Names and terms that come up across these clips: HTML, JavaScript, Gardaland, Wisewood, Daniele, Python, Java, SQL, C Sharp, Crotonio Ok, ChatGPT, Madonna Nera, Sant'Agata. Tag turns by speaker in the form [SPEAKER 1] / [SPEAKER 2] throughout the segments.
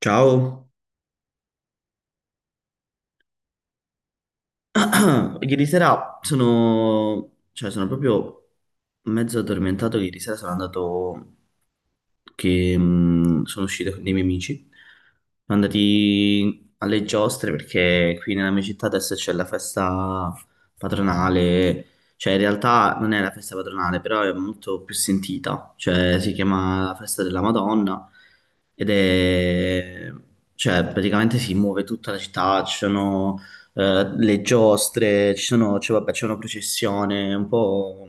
[SPEAKER 1] Ciao, ieri sera sono, cioè sono proprio mezzo addormentato. Ieri sera sono andato, che sono uscito con dei miei amici. Sono andati alle giostre perché qui nella mia città adesso c'è la festa patronale. Cioè in realtà non è la festa patronale, però è molto più sentita. Cioè si chiama la festa della Madonna ed è. Cioè praticamente si muove tutta la città, ci sono le giostre, ci sono, cioè, vabbè, c'è una processione, un po',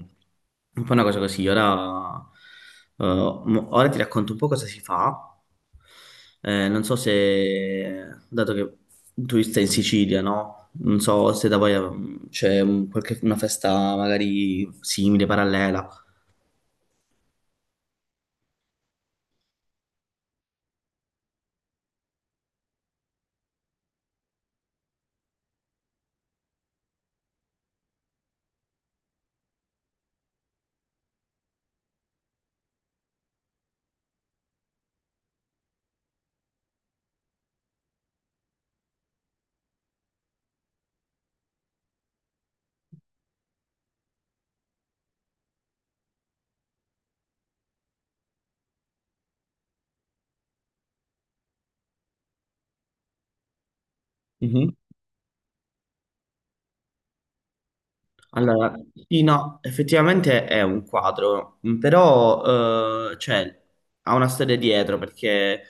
[SPEAKER 1] un po' una cosa così. Ora, ora ti racconto un po' cosa si fa. Non so se, dato che tu stai in Sicilia, no? Non so se da voi c'è una festa magari simile, parallela. Allora, sì, no, effettivamente è un quadro, però cioè, ha una storia dietro perché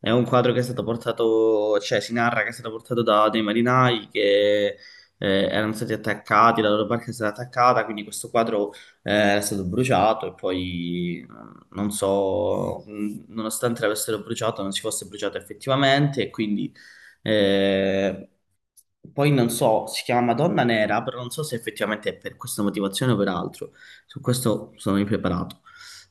[SPEAKER 1] è un quadro che è stato portato, cioè si narra che è stato portato da dei marinai che erano stati attaccati, la loro barca è stata attaccata, quindi questo quadro è stato bruciato e poi non so, nonostante l'avessero bruciato non si fosse bruciato effettivamente e quindi eh, poi non so, si chiama Madonna Nera, però non so se effettivamente è per questa motivazione o per altro. Su questo sono impreparato.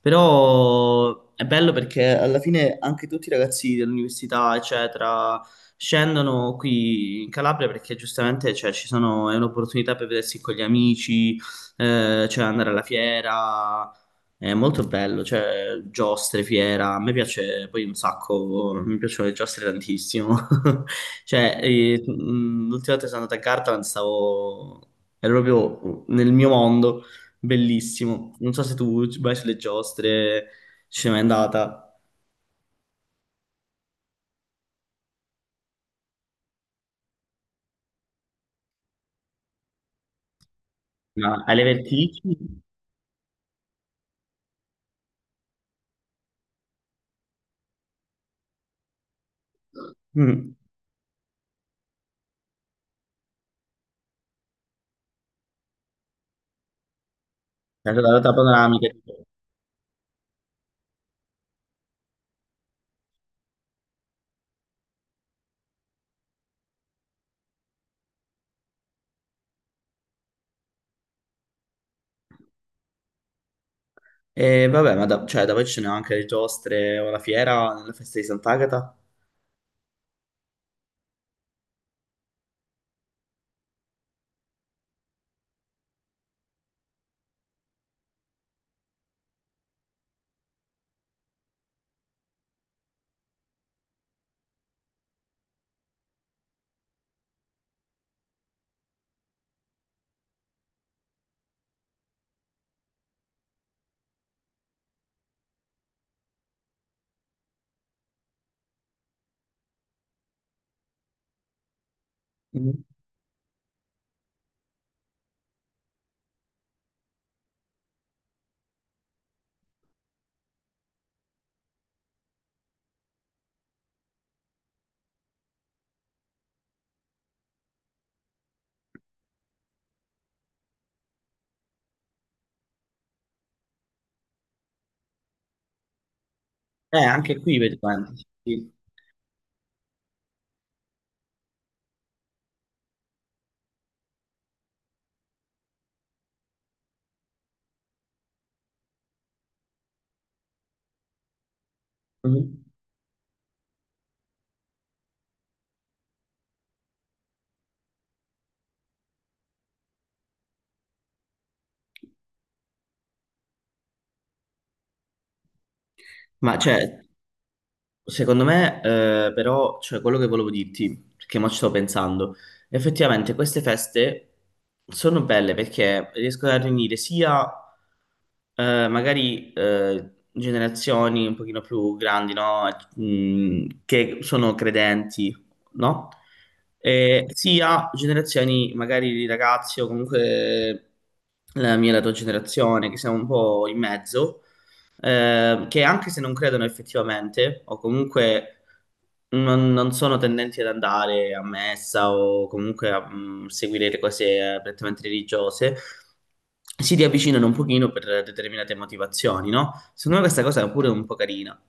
[SPEAKER 1] Però è bello perché alla fine anche tutti i ragazzi dell'università, eccetera, scendono qui in Calabria perché giustamente cioè, ci sono, è un'opportunità per vedersi con gli amici, cioè andare alla fiera. È molto bello, cioè giostre, fiera, a me piace poi un sacco, mi piacciono le giostre tantissimo. Cioè, l'ultima volta che sono andato a Gardaland stavo. Ero proprio nel mio mondo, bellissimo. Non so se tu ci vai sulle giostre, ci sei mai andata, ma alle vertigini? Mm. È stata andata panoramica, tipo. E vabbè, ma da poi ci sono anche le giostre o la fiera, nella festa di Sant'Agata. Mm. Anche qui vedi quanti. Sì. Mm. Ma cioè, secondo me, però, cioè, quello che volevo dirti, perché mo ci sto pensando, effettivamente queste feste sono belle perché riescono a riunire sia magari generazioni un pochino più grandi, no? Che sono credenti, no? E sia generazioni magari di ragazzi o comunque la mia e la tua generazione, che siamo un po' in mezzo che anche se non credono effettivamente, o comunque non sono tendenti ad andare a messa o comunque a seguire le cose prettamente religiose, si riavvicinano un pochino per determinate motivazione, no? Secondo me questa cosa è pure un po' carina.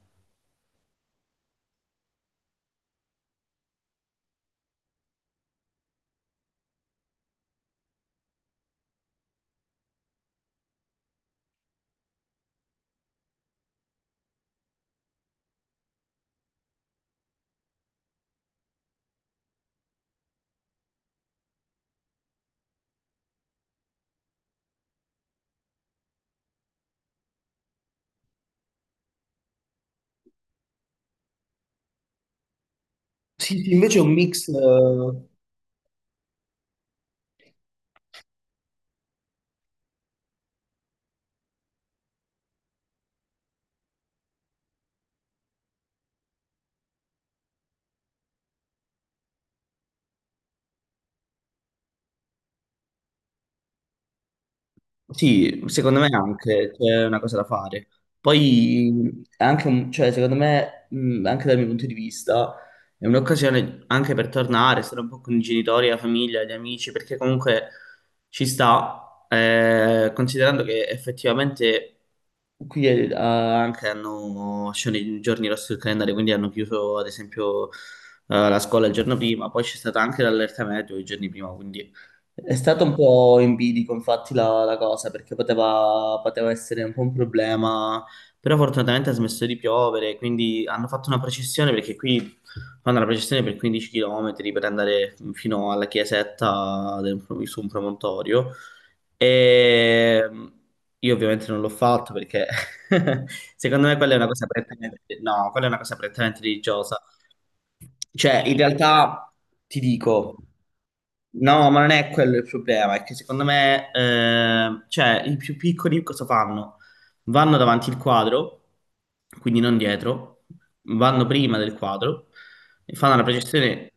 [SPEAKER 1] Sì, sì, invece è un mix, sì, secondo me anche c'è una cosa da fare. Poi è anche cioè, secondo me, anche dal mio punto di vista, è un'occasione anche per tornare, stare un po' con i genitori, la famiglia, gli amici, perché comunque ci sta, considerando che effettivamente qui anche hanno sono i giorni rossi del calendario, quindi hanno chiuso ad esempio la scuola il giorno prima, poi c'è stata anche l'allerta meteo i giorni prima, quindi è stato un po' in bilico, infatti, la cosa, perché poteva essere un po' un problema, però fortunatamente ha smesso di piovere, quindi hanno fatto una processione, perché qui fanno la processione per 15 km per andare fino alla chiesetta su un promontorio, e io ovviamente non l'ho fatto perché secondo me quella è una cosa prettamente, no, quella è una cosa prettamente religiosa, cioè, in realtà ti dico, no, ma non è quello il problema, è che secondo me, cioè, i più piccoli cosa fanno? Vanno davanti al quadro, quindi non dietro, vanno prima del quadro, e fanno la projezione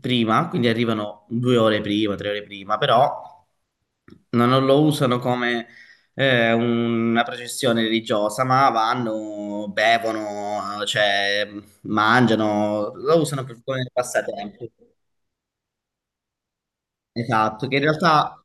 [SPEAKER 1] prima, quindi arrivano 2 ore prima, 3 ore prima, però non lo usano come una processione religiosa, ma vanno, bevono, cioè mangiano, lo usano per come passatempo. Esatto, che in realtà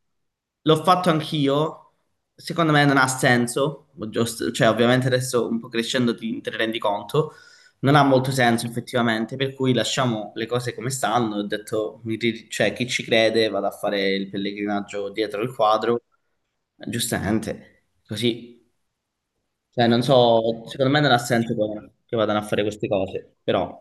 [SPEAKER 1] l'ho fatto anch'io, secondo me non ha senso, cioè ovviamente adesso un po' crescendo ti te ne rendi conto, non ha molto senso effettivamente, per cui lasciamo le cose come stanno, ho detto, cioè chi ci crede vado a fare il pellegrinaggio dietro il quadro, giustamente, così, cioè non so, secondo me non ha senso che vadano a fare queste cose, però.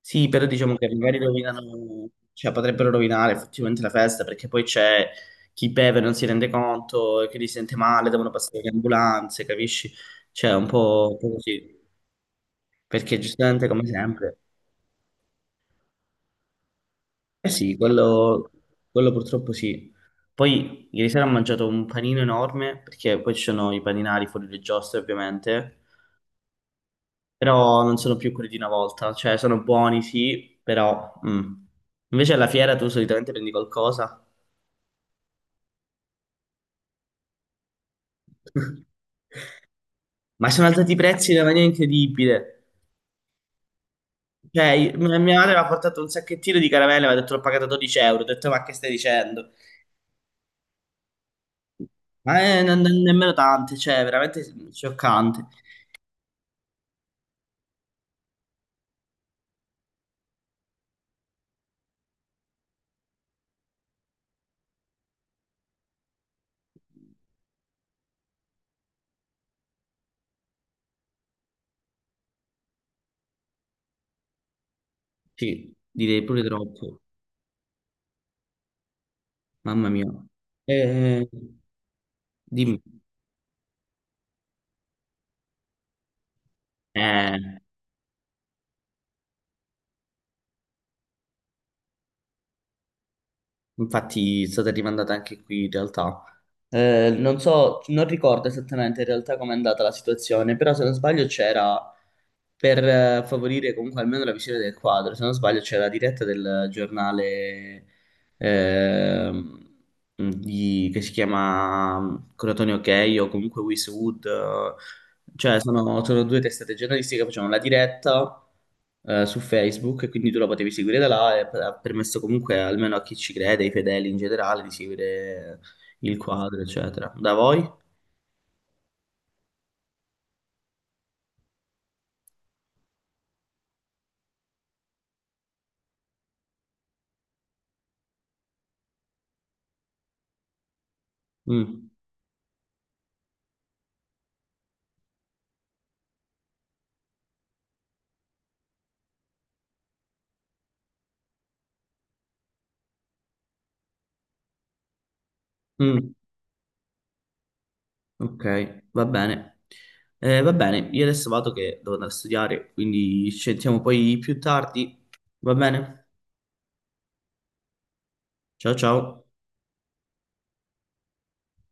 [SPEAKER 1] Sì, però diciamo che magari rovinano, cioè potrebbero rovinare effettivamente la festa perché poi c'è chi beve non si rende conto e quindi si sente male, devono passare le ambulanze, capisci? Cioè, è un po' così, perché giustamente come sempre. Eh sì, quello purtroppo sì. Poi ieri sera ho mangiato un panino enorme perché poi ci sono i paninari fuori le giostre ovviamente, però non sono più quelli di una volta, cioè sono buoni sì, però... mm. Invece alla fiera tu solitamente prendi qualcosa? Ma sono alzati i prezzi in una maniera incredibile. Cioè, mia madre mi ha portato un sacchettino di caramelle, mi ha detto l'ho pagata 12 euro. Ho detto, ma che stai dicendo? Ma nemmeno tante, cioè, veramente scioccante. Sì, direi pure troppo. Mamma mia. Eh, Dimmi. Eh. Infatti è stata rimandata anche qui in realtà. Non so, non ricordo esattamente in realtà com'è andata la situazione, però se non sbaglio c'era, per favorire comunque almeno la visione del quadro, se non sbaglio c'era la diretta del giornale ehm, che si chiama Crotonio Ok o comunque Wisewood, cioè, sono due testate giornalistiche che facevano la diretta su Facebook, e quindi tu la potevi seguire da là e ha permesso comunque almeno a chi ci crede, ai fedeli in generale, di seguire il quadro, eccetera. Da voi? Mm. Mm. Ok, va bene. Va bene, io adesso vado che devo andare a studiare, quindi ci sentiamo poi più tardi. Va bene? Ciao ciao.